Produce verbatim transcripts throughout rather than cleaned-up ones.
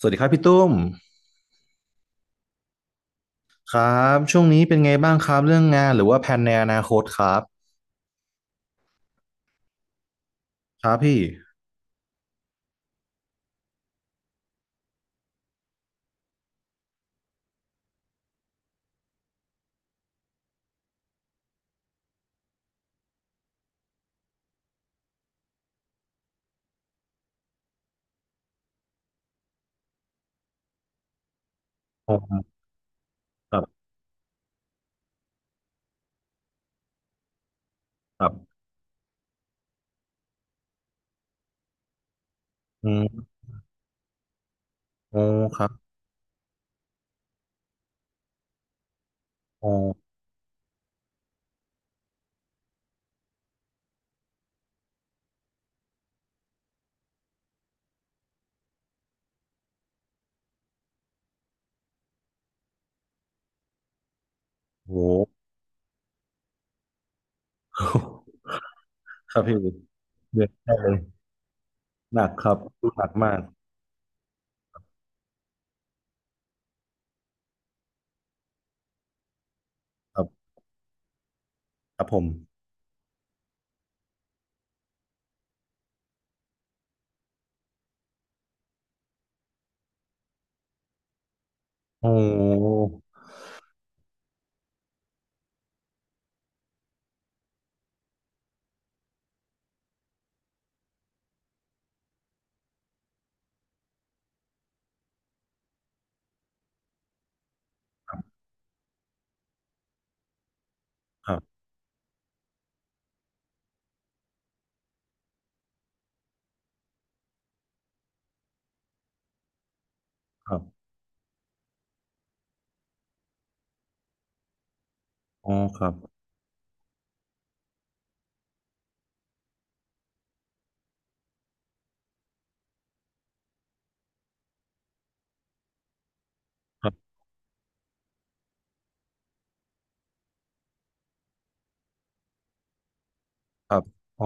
สวัสดีครับพี่ตุ้มครับช่วงนี้เป็นไงบ้างครับเรื่องงานหรือว่าแผนในอนาคตครับครับพี่โอ้ครับครับอืมโอ้ครับโอ้โห ครับพี่เดือดได้เลยหนักครับหนักมากครับครับผมโอ้ครับครับครับอ๋อครับครับครับอ๋อ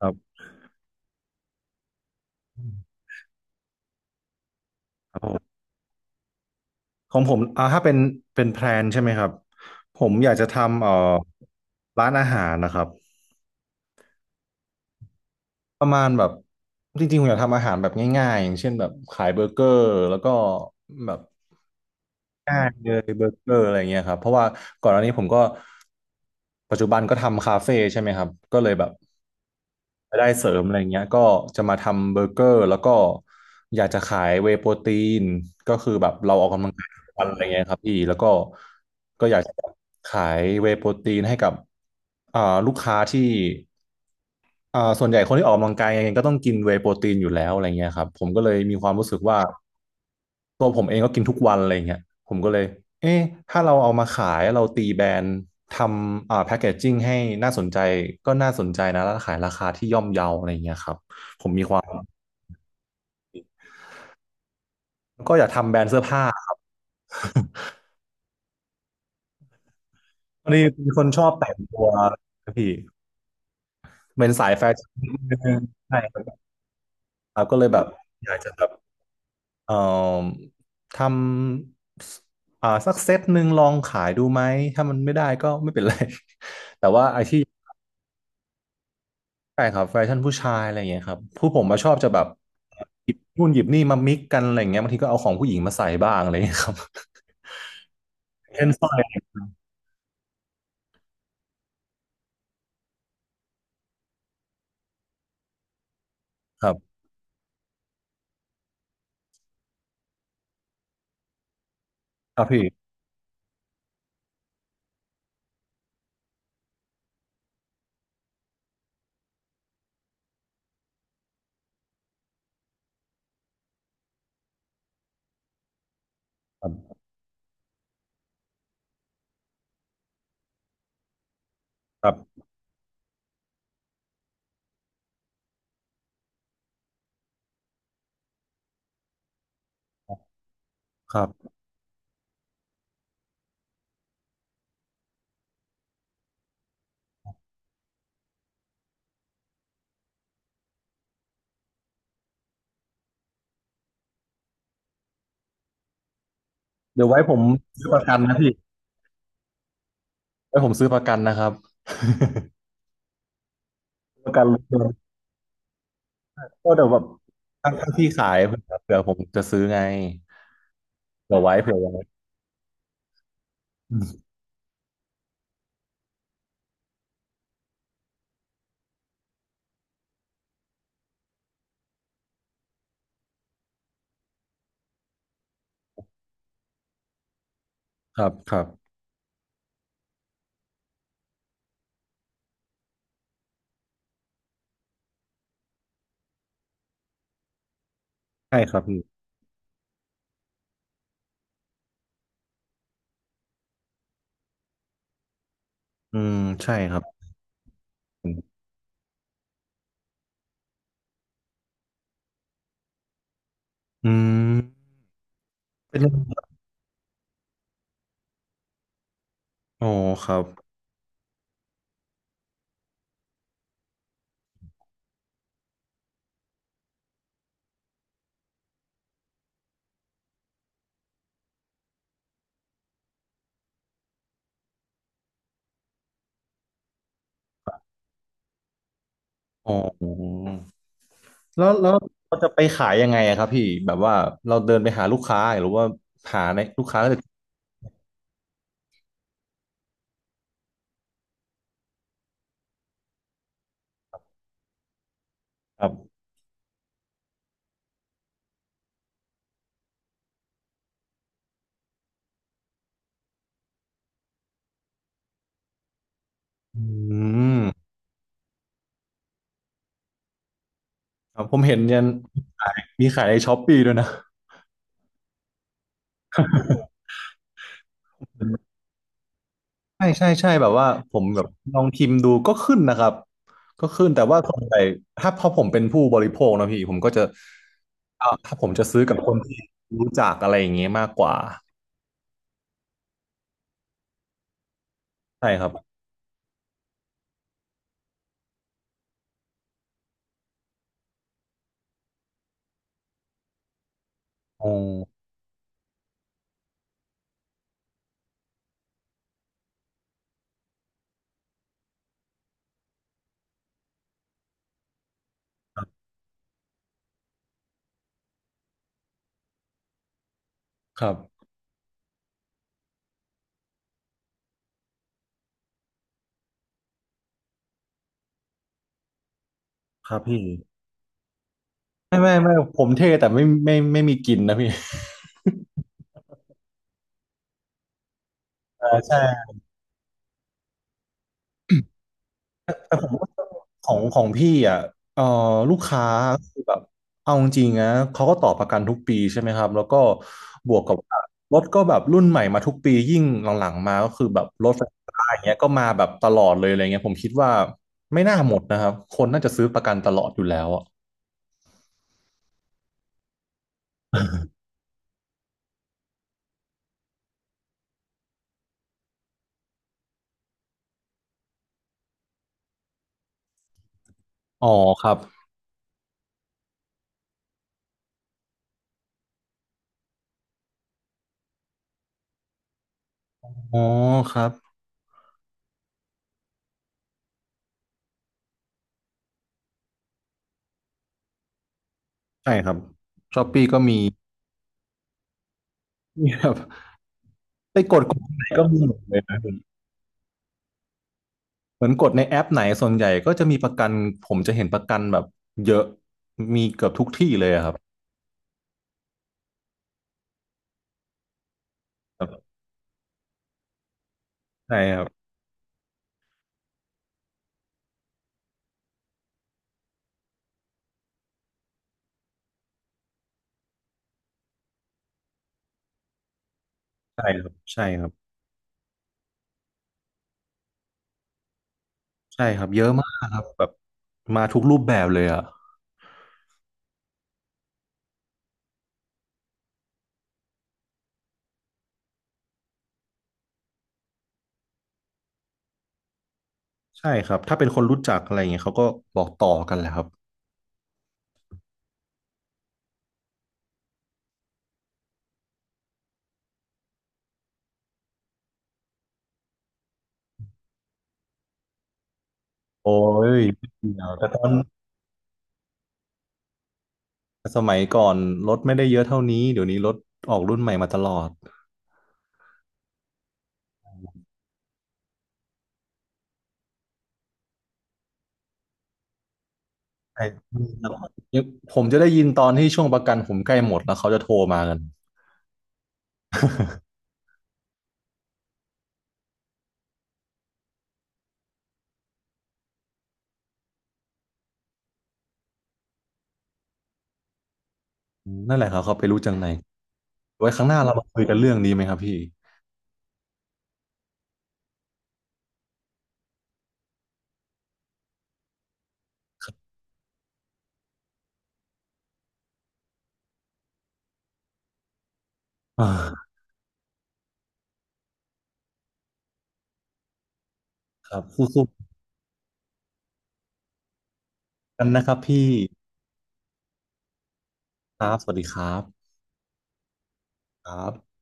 ครับครับผมของผมอ่าถ้าเป็นเป็นแพลนใช่ไหมครับผมอยากจะทำเอ่อร้านอาหารนะครับ ประมาณแบบจริงๆผมอยากทำอาหารแบบง่ายๆอย่างเช่นแบบขายเบอร์เกอร์แล้วก็แบบง่ายเลยเบอร์เกอร์อะไรเงี้ยครับเพราะว่าก่อนหน้านี้ผมก็ปัจจุบันก็ทำคาเฟ่ใช่ไหมครับก็เลยแบบรายได้เสริมอะไรเงี้ยก็จะมาทำเบอร์เกอร์แล้วก็อยากจะขายเวย์โปรตีนก็คือแบบเราออกกำลังกายทุกวันอะไรเงี้ยครับพี่แล้วก็ก็อยากจะขายเวย์โปรตีนให้กับอ่าลูกค้าที่ อ่าส่วนใหญ่คนที่ออกกำลังกายยังไงก็ต้องกินเวย์โปรตีนอยู่แล้วอะไรเงี้ยครับผมก็เลยมีความรู้สึกว่าตัวผมเองก็กินทุกวันอะไรเงี้ยผมก็เลยเอ๊ะถ้าเราเอามาขายเราตีแบรนด์ทำอ่าแพ็กเกจจิ้งให้น่าสนใจก็น่าสนใจนะแล้วขายราคาที่ย่อมเยาอะไรเงี้ยครับก็อยากทำแบรนด์เสื้อผ้า พอดีเป็นคนชอบแต่งตัวพี่เป็นสายแฟชั่นใช่ครับก็เลยแบบอยากจะแบบ เอ่อทำสอ่าสักเซตหนึ่งลองขายดูไหมถ้ามันไม่ได้ก็ไม่เป็นไร แต่ว่าไอ้ที่ใช่ครับแฟชั่นผู้ชายอะไรอย่างเงี้ยครับผู้ผมมาชอบจะแบบหยิบนู่นหยิบนี่มามิกกันอะไรอย่างเงี้ยบางทีก็เอาของผู้หญิงมาใส่บ้างอะไรอย่างเงี้ยครับ เช่นสร้อยอะไรอย่างเงี้ยครับครับพี่ครับครับครับเดี๋ยวไว้ผมซื้อประกันนะพี่ไว้ผมซื้อประกันนะครับ ประกันรถยนต์ก็เดี๋ยวแบบถ้าพี่ขายเผื่อผมจะซื้อไงเผื่อไว้เผื่อไว้ ครับครับใช่ครับพี่อืมใช่ครับอืมเป็นอ๋อครับอ๋อแล้วแล้วเราจะไปขายยังไงอะครับพี่แบบว่าเราเดินไปหาลูกค้าหรือว่าหาในลูกค้าแล้วจะครับอืมครับผมเห็นยันมีขายในช้อปปี้ด้วยนะใช่ใช่ใช่แบบว่าผมแบบลองพิมพ์ดูก็ขึ้นนะครับก็ขึ้นแต่ว่าส่วนใหญ่ถ้าพอผมเป็นผู้บริโภคนะพี่ผมก็จะอ่าถ้าผมจะซื้อกับคนที่รู้จักอะไรอย่างเงี้ยมากกว่า ใช่ครับอ๋อครับครับครับพี่ไม่ไม่ไม่ผมเท่แต่ไม่ไม่ไม่มีกินนะพี่เออใช่ของของพี่อ่ะเอ่อลูกค้าคือแบบเอาจริงๆนะเขาก็ต่อประกันทุกปีใช่ไหมครับแล้วก็บวกกับว่ารถก็แบบรุ่นใหม่มาทุกปียิ่งหลังๆมาก็คือแบบรถไฟฟ้าอย่างเงี้ยก็มาแบบตลอดเลยอะไรเงี้ยผมคิดว่าไม่น่าหมดนะครับคนน่าจะซื้อประกันตลอดอยู่แล้วอะอ๋อครับอ๋อครับใช่ครับช้อปปี้ก็มีมีครับ ไปกดกดไหนก็มีหมดเลยนะเหมือนกดในแอปไหนส่วนใหญ่ก็จะมีประกันผมจะเห็นประกันแบบเยอะมีเกือบทุกที่เลยอะครับครับใช่ครับใช่ครับใช่ครับใช่ครับเยอะมากครับแบบมาทุกรูปแบบเลยอ่ะใช่ครับถ้าเป็นคนรู้จักอะไรอย่างเงี้ยเขาก็บอกต่อกันแหละครับโอ้ยไม่เกี่ยวแต่ตอนสมัยก่อนรถไม่ได้เยอะเท่านี้เดี๋ยวนี้รถออกรุ่นใหม่มาตลอดใช่มีตลอดผมจะได้ยินตอนที่ช่วงประกันผมใกล้หมดแล้วเขาจะโทรมากัน นั่นแหละครับเขาไปรู้จังไหนไว้ครั้งหน้าเรามาคุยกันเรื่องนี้ไหมครับพี่อ่าครับคู่ๆกันนะครับพี่ครับสวัสดีครับครับ